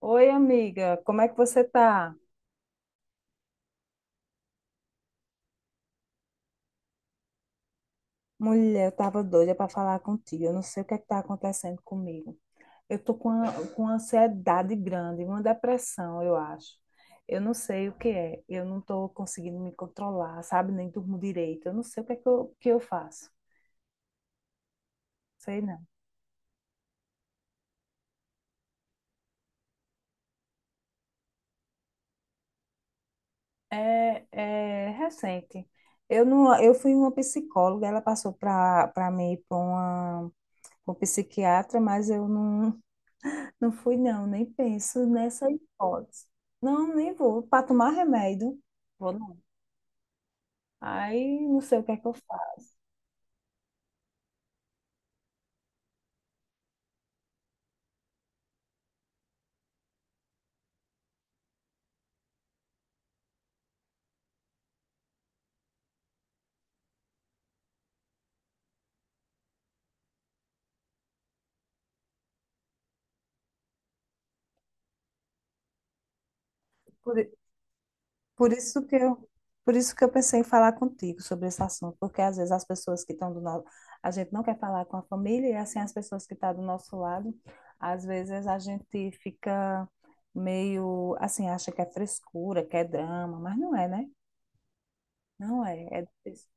Oi, amiga, como é que você tá? Mulher, eu tava doida para falar contigo. Eu não sei o que é que tá acontecendo comigo. Eu tô com, com uma ansiedade grande, uma depressão, eu acho. Eu não sei o que é. Eu não tô conseguindo me controlar, sabe? Nem durmo direito. Eu não sei o que é que eu faço. Sei não. É recente. Eu não, eu fui uma psicóloga, ela passou para mim para uma, pra um psiquiatra, mas eu não. Não fui, não, nem penso nessa hipótese. Não, nem vou. Para tomar remédio, vou não. Aí não sei o que é que eu faço. Por, i- por isso que eu, por isso que eu pensei em falar contigo sobre esse assunto, porque às vezes as pessoas que estão do nosso, a gente não quer falar com a família, e é assim, as pessoas que estão do nosso lado, às vezes a gente fica meio assim, acha que é frescura, que é drama, mas não é, né? Não é, é difícil.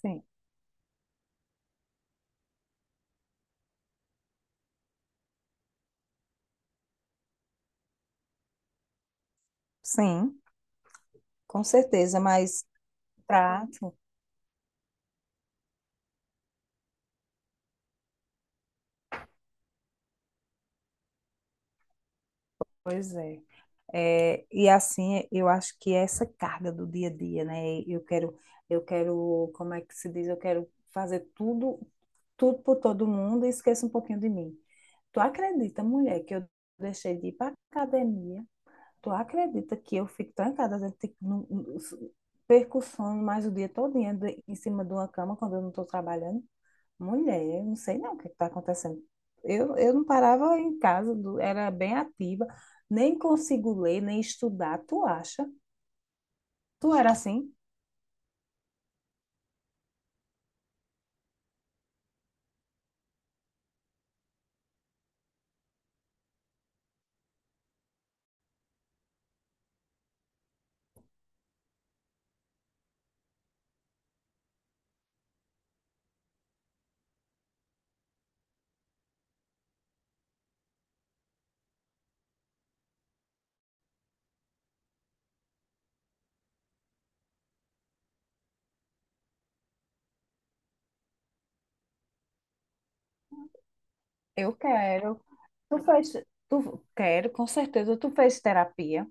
Sim, sim, com certeza, mas trato. Pois é. É, e assim, eu acho que essa carga do dia a dia, né? Eu quero, como é que se diz? Eu quero fazer tudo por todo mundo e esqueça um pouquinho de mim. Tu acredita, mulher, que eu deixei de ir para academia? Tu acredita que eu fico trancada dentro de, no, no- perco o sono mais o dia todo em cima de uma cama quando eu não estou trabalhando? Mulher, eu não sei não o que está acontecendo. Eu não parava em casa, era bem ativa, nem consigo ler, nem estudar. Tu acha? Tu era assim? Eu quero. Tu fez, tu quero, com certeza. Tu fez terapia.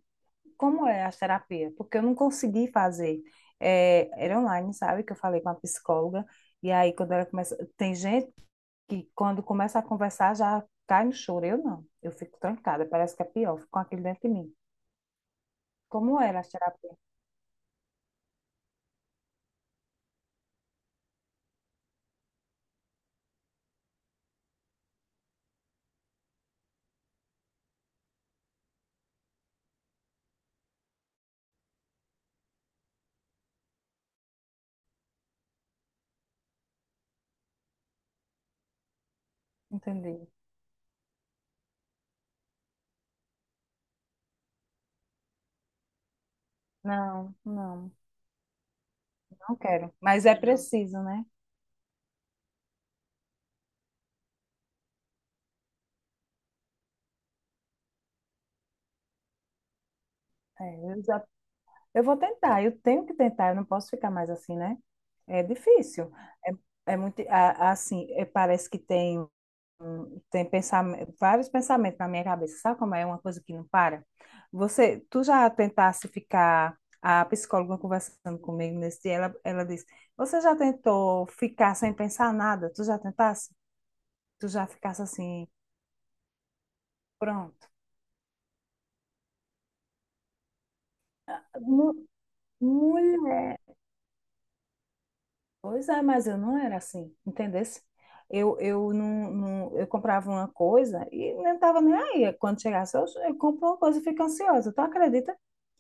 Como é a terapia? Porque eu não consegui fazer. É, era online, sabe? Que eu falei com a psicóloga. E aí, quando ela começa. Tem gente que, quando começa a conversar, já cai no choro. Eu não. Eu fico trancada, parece que é pior. Fico com aquilo dentro de mim. Como era a terapia? Entendi. Não, não, não quero. Mas é preciso, né? É, eu já, eu vou tentar, eu tenho que tentar, eu não posso ficar mais assim, né? É difícil. É, é muito, assim, é, parece que tem, tem pensamento, vários pensamentos na minha cabeça. Sabe como é uma coisa que não para? Você, tu já tentasse ficar, a psicóloga conversando comigo nesse dia, ela disse, você já tentou ficar sem pensar nada? Tu já tentasse? Tu já ficasse assim, pronto. Mulher, pois é, mas eu não era assim, entendesse? Eu eu comprava uma coisa e não estava nem aí. Quando chegasse, eu compro uma coisa e fico ansiosa. Tu acredita?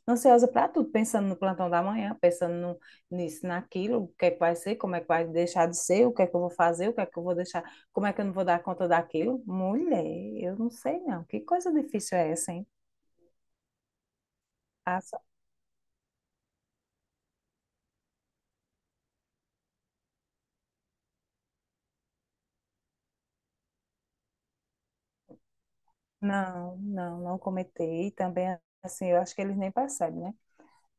Ansiosa para tudo, pensando no plantão da manhã, pensando nisso, naquilo, o que é que vai ser, como é que vai deixar de ser, o que é que eu vou fazer, o que é que eu vou deixar, como é que eu não vou dar conta daquilo. Mulher, eu não sei não. Que coisa difícil é essa, hein? Ah, só- Não, não, não comentei. E também, assim, eu acho que eles nem percebem, né?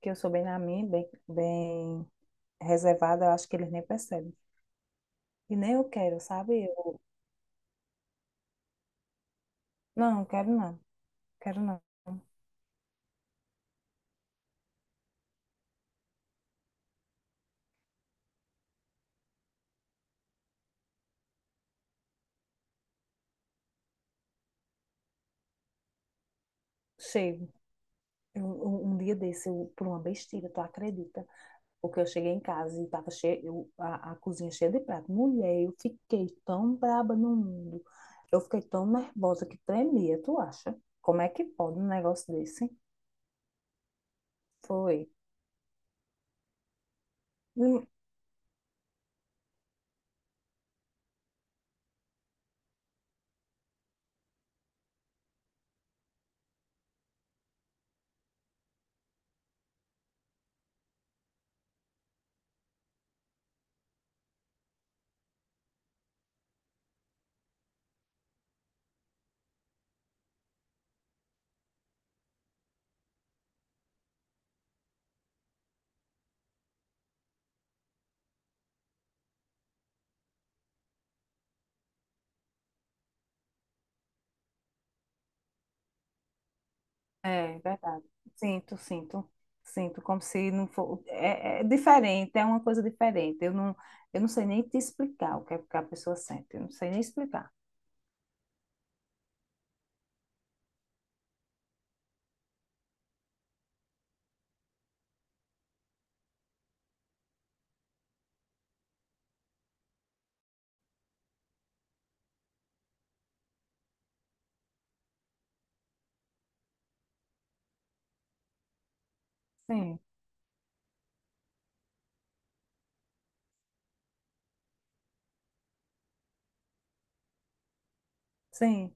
Que eu sou bem na minha, bem reservada, eu acho que eles nem percebem. E nem eu quero, sabe? Eu, não, quero não. Chego. Eu, um dia desse, eu, por uma besteira, tu acredita? Porque eu cheguei em casa e tava cheio, a cozinha cheia de prato. Mulher, eu fiquei tão braba no mundo. Eu fiquei tão nervosa que tremia, tu acha? Como é que pode um negócio desse? Foi. É verdade. Sinto, sinto, sinto, como se não for. É, é diferente, é uma coisa diferente. Eu não sei nem te explicar o que é que a pessoa sente. Eu não sei nem explicar. Sim, sim,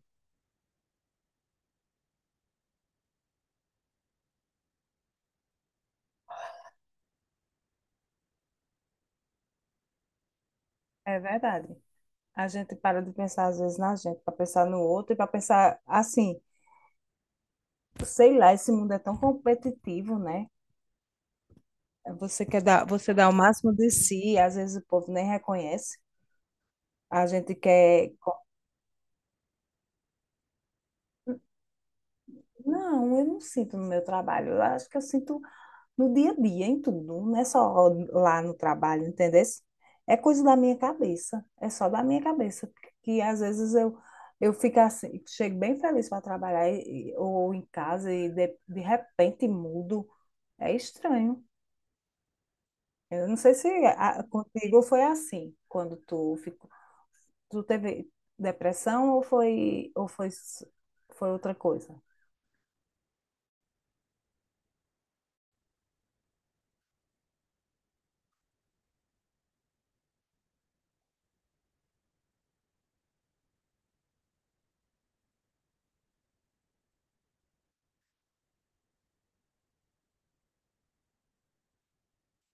é verdade. A gente para de pensar às vezes na gente, para pensar no outro e para pensar assim, sei lá, esse mundo é tão competitivo, né? Você quer dar, você dá o máximo de si, às vezes o povo nem reconhece. A gente quer. Co- Não, eu não sinto no meu trabalho. Eu acho que eu sinto no dia a dia, em tudo, não é só lá no trabalho, entendeu? É coisa da minha cabeça, é só da minha cabeça, que às vezes eu fico assim, chego bem feliz para trabalhar ou em casa e de repente mudo, é estranho. Eu não sei se contigo foi assim, quando tu ficou, tu teve depressão ou foi outra coisa.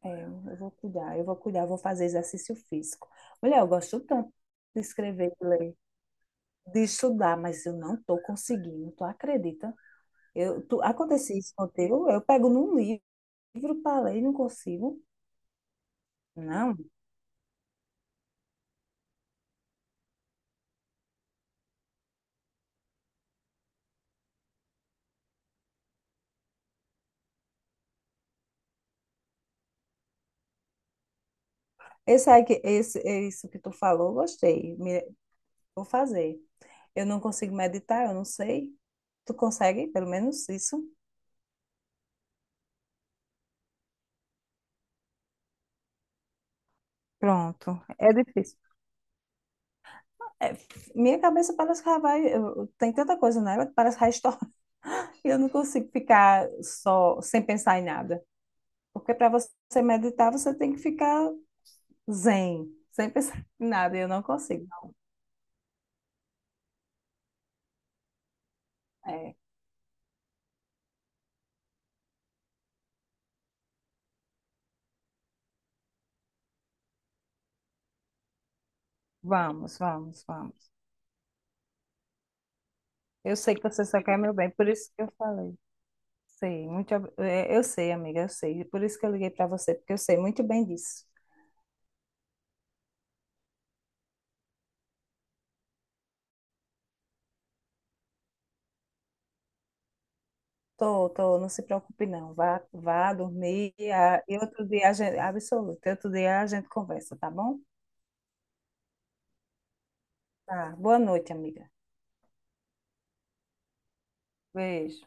É, eu vou cuidar, eu vou fazer exercício físico. Mulher, eu gosto tanto de escrever e ler, de estudar, mas eu não estou conseguindo, tu acredita? Eu, tu, acontece isso contigo, eu pego num livro para ler e não consigo. Não, esse aí que, esse, isso que tu falou, gostei, vou fazer. Eu não consigo meditar, eu não sei. Tu consegue, pelo menos isso? Pronto, é difícil. É, minha cabeça parece que ela vai. Tem tanta coisa nela que parece que vai estourar. Eu não consigo ficar só sem pensar em nada. Porque para você meditar, você tem que ficar Zen, sem pensar em nada, eu não consigo. É, vamos. Eu sei que você só quer meu bem, por isso que eu falei. Sei, muito, eu sei, amiga, eu sei. Por isso que eu liguei para você, porque eu sei muito bem disso. Tô, não se preocupe não. Vá dormir e outro dia a gente, absoluto, outro dia a gente conversa, tá bom? Tá. Boa noite, amiga. Beijo.